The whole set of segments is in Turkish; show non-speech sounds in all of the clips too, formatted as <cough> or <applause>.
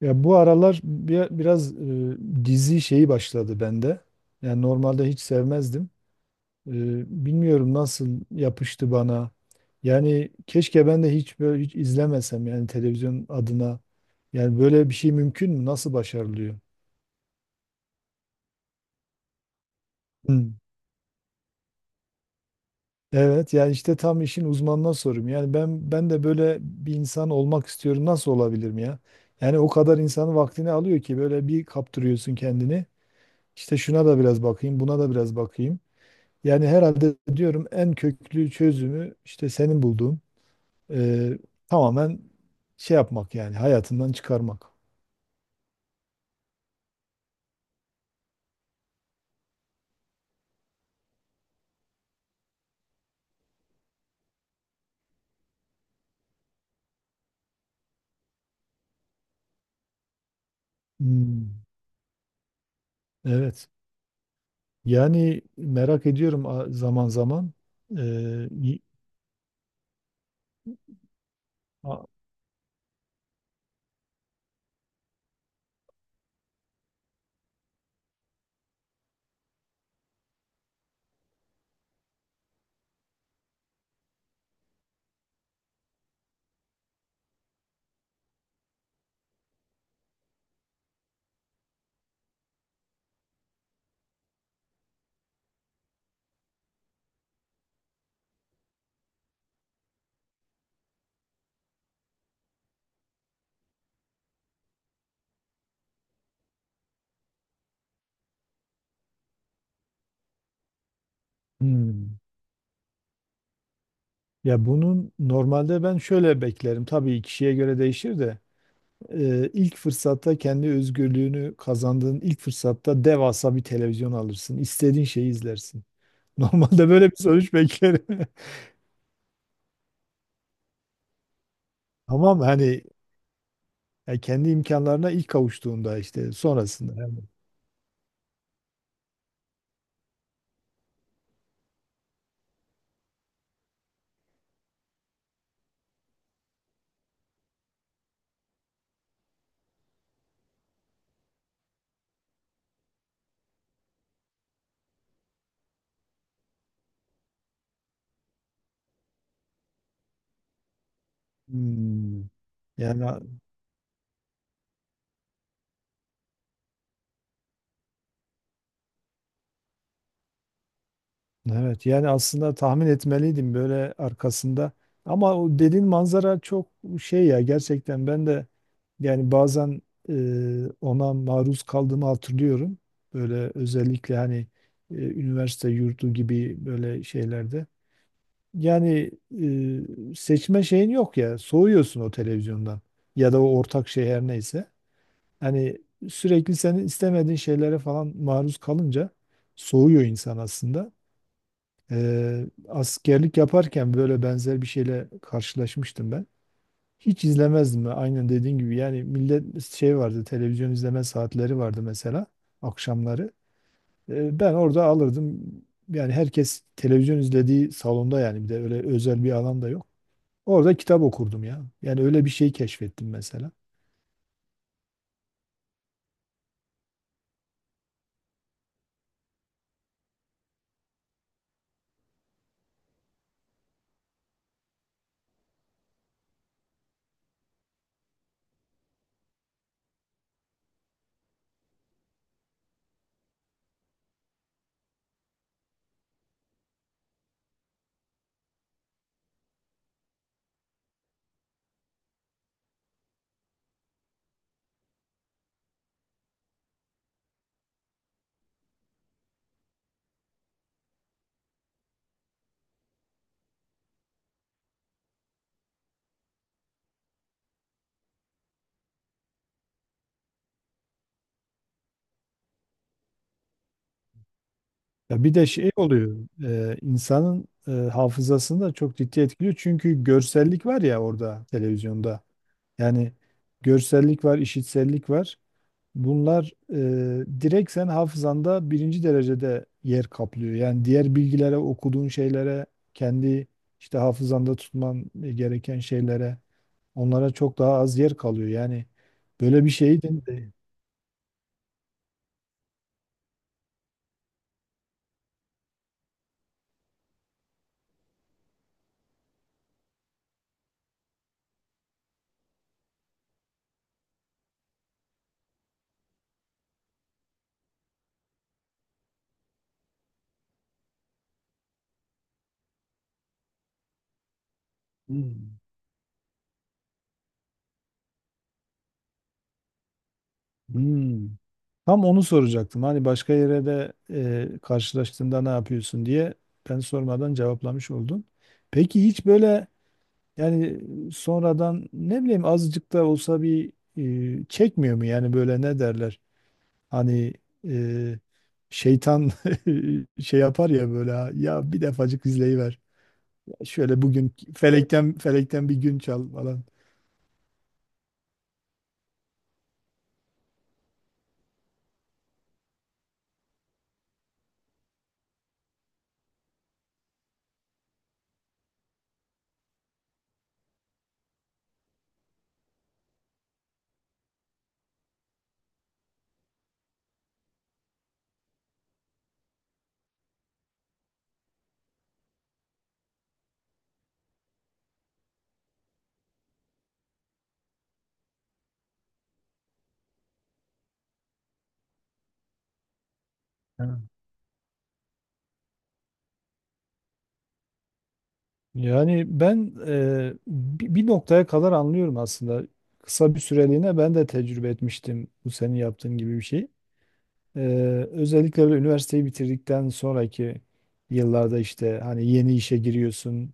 Ya bu aralar biraz dizi şeyi başladı bende. Yani normalde hiç sevmezdim. E, Bilmiyorum nasıl yapıştı bana. Yani keşke ben de hiç böyle hiç izlemesem yani televizyon adına. Yani böyle bir şey mümkün mü? Nasıl başarılıyor? Hı. Evet, yani işte tam işin uzmanına sorum. Yani ben de böyle bir insan olmak istiyorum. Nasıl olabilirim ya? Yani o kadar insanın vaktini alıyor ki böyle bir kaptırıyorsun kendini. İşte şuna da biraz bakayım, buna da biraz bakayım. Yani herhalde diyorum en köklü çözümü işte senin bulduğun, eee, tamamen şey yapmak, yani hayatından çıkarmak. Hmm, evet. Yani merak ediyorum zaman zaman. Eee, y- a- hmm. Ya bunun normalde ben şöyle beklerim. Tabii kişiye göre değişir de, ilk fırsatta kendi özgürlüğünü kazandığın ilk fırsatta devasa bir televizyon alırsın. İstediğin şeyi izlersin. <laughs> Normalde böyle bir sonuç beklerim. <laughs> Tamam, hani. Yani kendi imkanlarına ilk kavuştuğunda işte sonrasında. Yani, hmm. Yani evet, yani aslında tahmin etmeliydim böyle arkasında. Ama o dediğin manzara çok şey ya, gerçekten ben de yani bazen e, ona maruz kaldığımı hatırlıyorum. Böyle özellikle hani üniversite yurdu gibi böyle şeylerde. Yani seçme şeyin yok ya, soğuyorsun o televizyondan ya da o ortak şey her neyse. Yani sürekli senin istemediğin şeylere falan maruz kalınca soğuyor insan aslında. Askerlik yaparken böyle benzer bir şeyle karşılaşmıştım ben. Hiç izlemezdim ben. Aynen dediğin gibi yani, millet şey vardı, televizyon izleme saatleri vardı mesela akşamları. Ben orada alırdım, yani herkes televizyon izlediği salonda, yani bir de öyle özel bir alan da yok. Orada kitap okurdum ya. Yani öyle bir şey keşfettim mesela. Ya bir de şey oluyor, insanın hafızasını da çok ciddi etkiliyor. Çünkü görsellik var ya orada, televizyonda. Yani görsellik var, işitsellik var. Bunlar direkt sen hafızanda birinci derecede yer kaplıyor. Yani diğer bilgilere, okuduğun şeylere, kendi işte hafızanda tutman gereken şeylere, onlara çok daha az yer kalıyor. Yani böyle bir şey de hmm. Hmm. Tam onu soracaktım. Hani başka yere de karşılaştığında ne yapıyorsun diye, ben sormadan cevaplamış oldun. Peki hiç böyle, yani sonradan ne bileyim azıcık da olsa bir çekmiyor mu yani, böyle ne derler? Hani e, şeytan <laughs> şey yapar ya, böyle "Ha, ya bir defacık izleyiver. Şöyle bugün felekten bir gün çal" falan. Ha. Yani ben bir noktaya kadar anlıyorum aslında. Kısa bir süreliğine ben de tecrübe etmiştim bu senin yaptığın gibi bir şey. E, Özellikle böyle üniversiteyi bitirdikten sonraki yıllarda, işte hani yeni işe giriyorsun.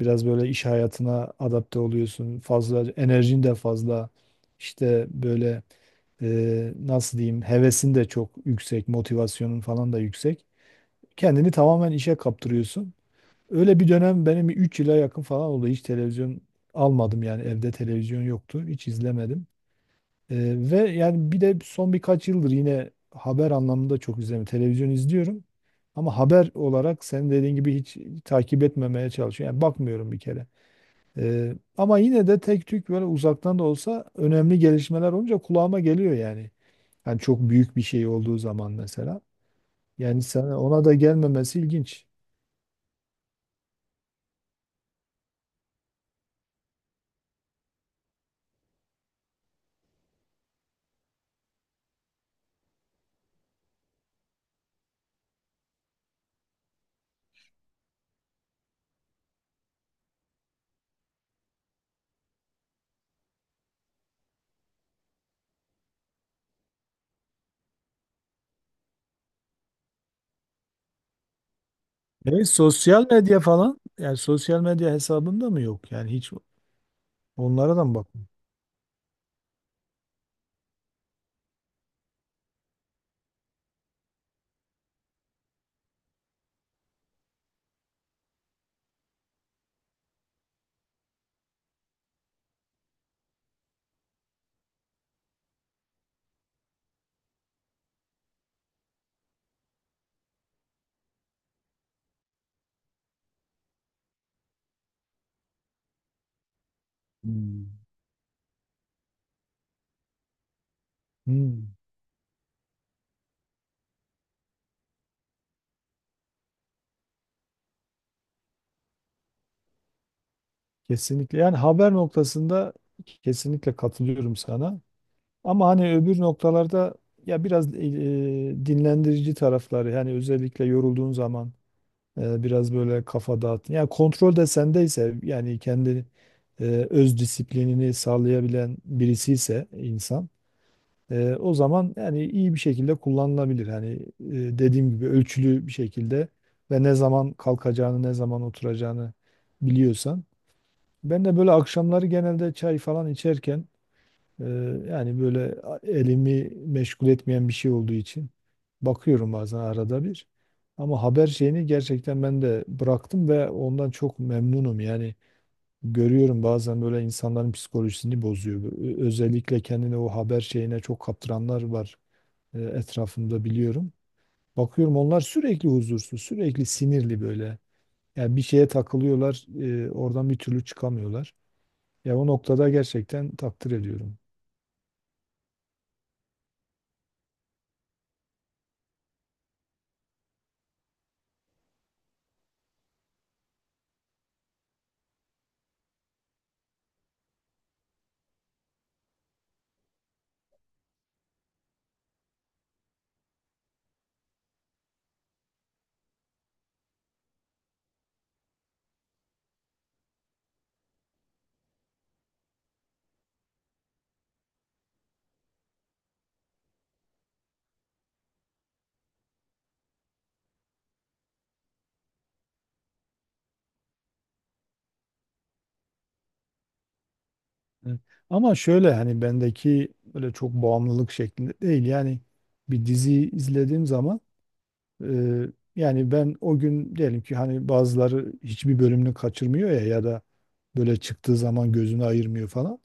Biraz böyle iş hayatına adapte oluyorsun. Fazla enerjin de fazla. İşte böyle, nasıl diyeyim, hevesin de çok yüksek, motivasyonun falan da yüksek. Kendini tamamen işe kaptırıyorsun. Öyle bir dönem benim 3 yıla yakın falan oldu. Hiç televizyon almadım, yani evde televizyon yoktu. Hiç izlemedim. Ee, ve yani bir de son birkaç yıldır yine haber anlamında çok izlemiyorum. Televizyon izliyorum. Ama haber olarak senin dediğin gibi hiç takip etmemeye çalışıyorum. Yani bakmıyorum bir kere. Ama yine de tek tük böyle uzaktan da olsa önemli gelişmeler olunca kulağıma geliyor yani. Yani çok büyük bir şey olduğu zaman mesela. Yani sana ona da gelmemesi ilginç. Evet, sosyal medya falan, yani sosyal medya hesabında mı yok? Yani hiç onlara da mı bakmıyor? Hmm. Hmm, kesinlikle. Yani haber noktasında kesinlikle katılıyorum sana. Ama hani öbür noktalarda ya biraz dinlendirici tarafları, yani özellikle yorulduğun zaman biraz böyle kafa dağıt. Yani kontrol de sendeyse, yani kendi e, öz disiplinini sağlayabilen birisiyse insan, o zaman yani iyi bir şekilde kullanılabilir. Hani dediğim gibi ölçülü bir şekilde ve ne zaman kalkacağını, ne zaman oturacağını biliyorsan. Ben de böyle akşamları genelde çay falan içerken e, yani böyle elimi meşgul etmeyen bir şey olduğu için bakıyorum bazen arada bir. Ama haber şeyini gerçekten ben de bıraktım ve ondan çok memnunum. Yani görüyorum bazen böyle insanların psikolojisini bozuyor. Özellikle kendini o haber şeyine çok kaptıranlar var etrafımda, biliyorum. Bakıyorum, onlar sürekli huzursuz, sürekli sinirli böyle. Yani bir şeye takılıyorlar, oradan bir türlü çıkamıyorlar. Ya o noktada gerçekten takdir ediyorum. Evet. Ama şöyle hani bendeki böyle çok bağımlılık şeklinde değil. Yani bir dizi izlediğim zaman, e, yani ben o gün diyelim ki, hani bazıları hiçbir bölümünü kaçırmıyor ya, ya da böyle çıktığı zaman gözünü ayırmıyor falan.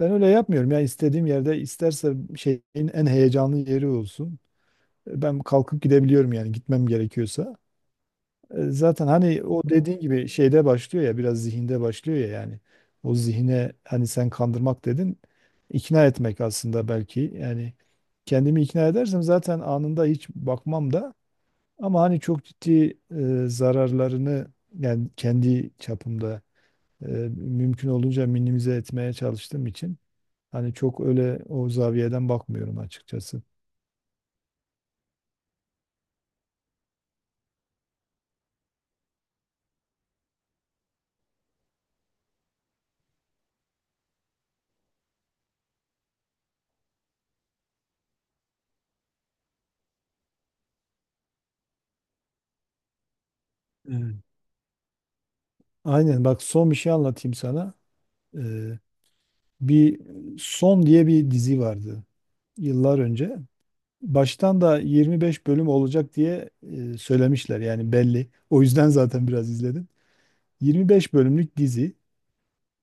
Ben öyle yapmıyorum. Yani istediğim yerde, isterse şeyin en heyecanlı yeri olsun. Ben kalkıp gidebiliyorum yani, gitmem gerekiyorsa. Zaten hani o dediğin gibi şeyde başlıyor ya, biraz zihinde başlıyor ya yani. O zihine, hani sen kandırmak dedin, ikna etmek aslında belki, yani kendimi ikna edersem zaten anında hiç bakmam da, ama hani çok ciddi zararlarını yani kendi çapımda e, mümkün olunca minimize etmeye çalıştığım için, hani çok öyle o zaviyeden bakmıyorum açıkçası. Evet. Aynen, bak son bir şey anlatayım sana. Ee, bir Som diye bir dizi vardı yıllar önce. Baştan da 25 bölüm olacak diye söylemişler, yani belli. O yüzden zaten biraz izledim. 25 bölümlük dizi.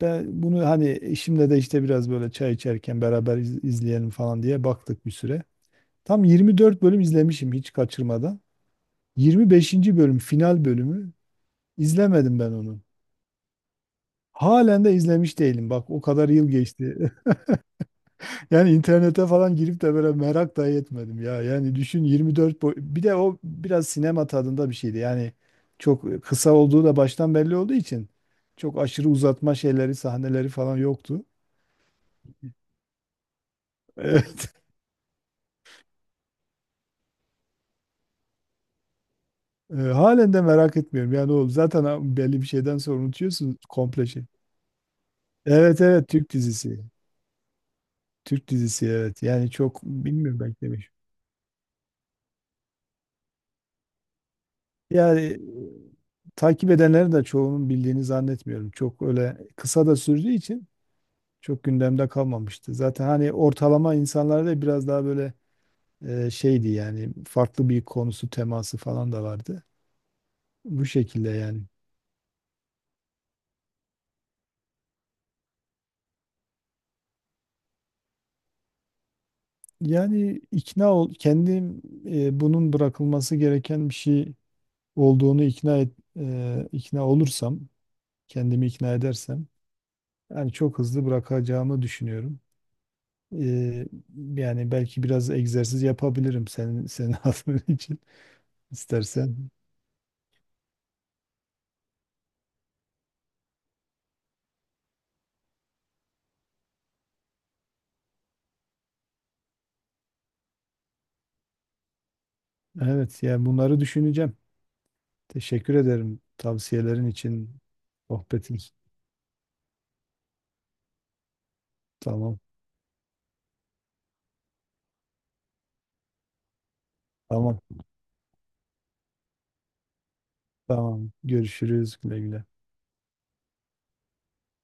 Ben bunu hani eşimle de işte biraz böyle çay içerken beraber izleyelim falan diye baktık bir süre. Tam 24 bölüm izlemişim, hiç kaçırmadan. 25. bölüm, final bölümü, izlemedim ben onu. Halen de izlemiş değilim. Bak, o kadar yıl geçti. Yani internete falan girip de böyle merak dahi etmedim ya. Yani düşün, 24 boy bir de o biraz sinema tadında bir şeydi. Yani çok kısa olduğu da baştan belli olduğu için çok aşırı uzatma şeyleri, sahneleri falan yoktu. Evet. <laughs> Halen de merak etmiyorum. Yani o zaten belli bir şeyden sonra unutuyorsun komple şey. Evet, evet, Türk dizisi. Türk dizisi, evet. Yani çok bilmiyorum belki demiş. Yani takip edenlerin de çoğunun bildiğini zannetmiyorum. Çok öyle kısa da sürdüğü için çok gündemde kalmamıştı. Zaten hani ortalama insanlarda biraz daha böyle şeydi, yani farklı bir konusu, teması falan da vardı. Bu şekilde yani. Yani ikna ol, kendim bunun bırakılması gereken bir şey olduğunu ikna et, ikna olursam, kendimi ikna edersem yani çok hızlı bırakacağımı düşünüyorum. E, yani belki biraz egzersiz yapabilirim senin <laughs> adın için, istersen. Evet, yani bunları düşüneceğim. Teşekkür ederim tavsiyelerin için. Sohbetin. Tamam. Tamam. Tamam. Görüşürüz. Güle güle.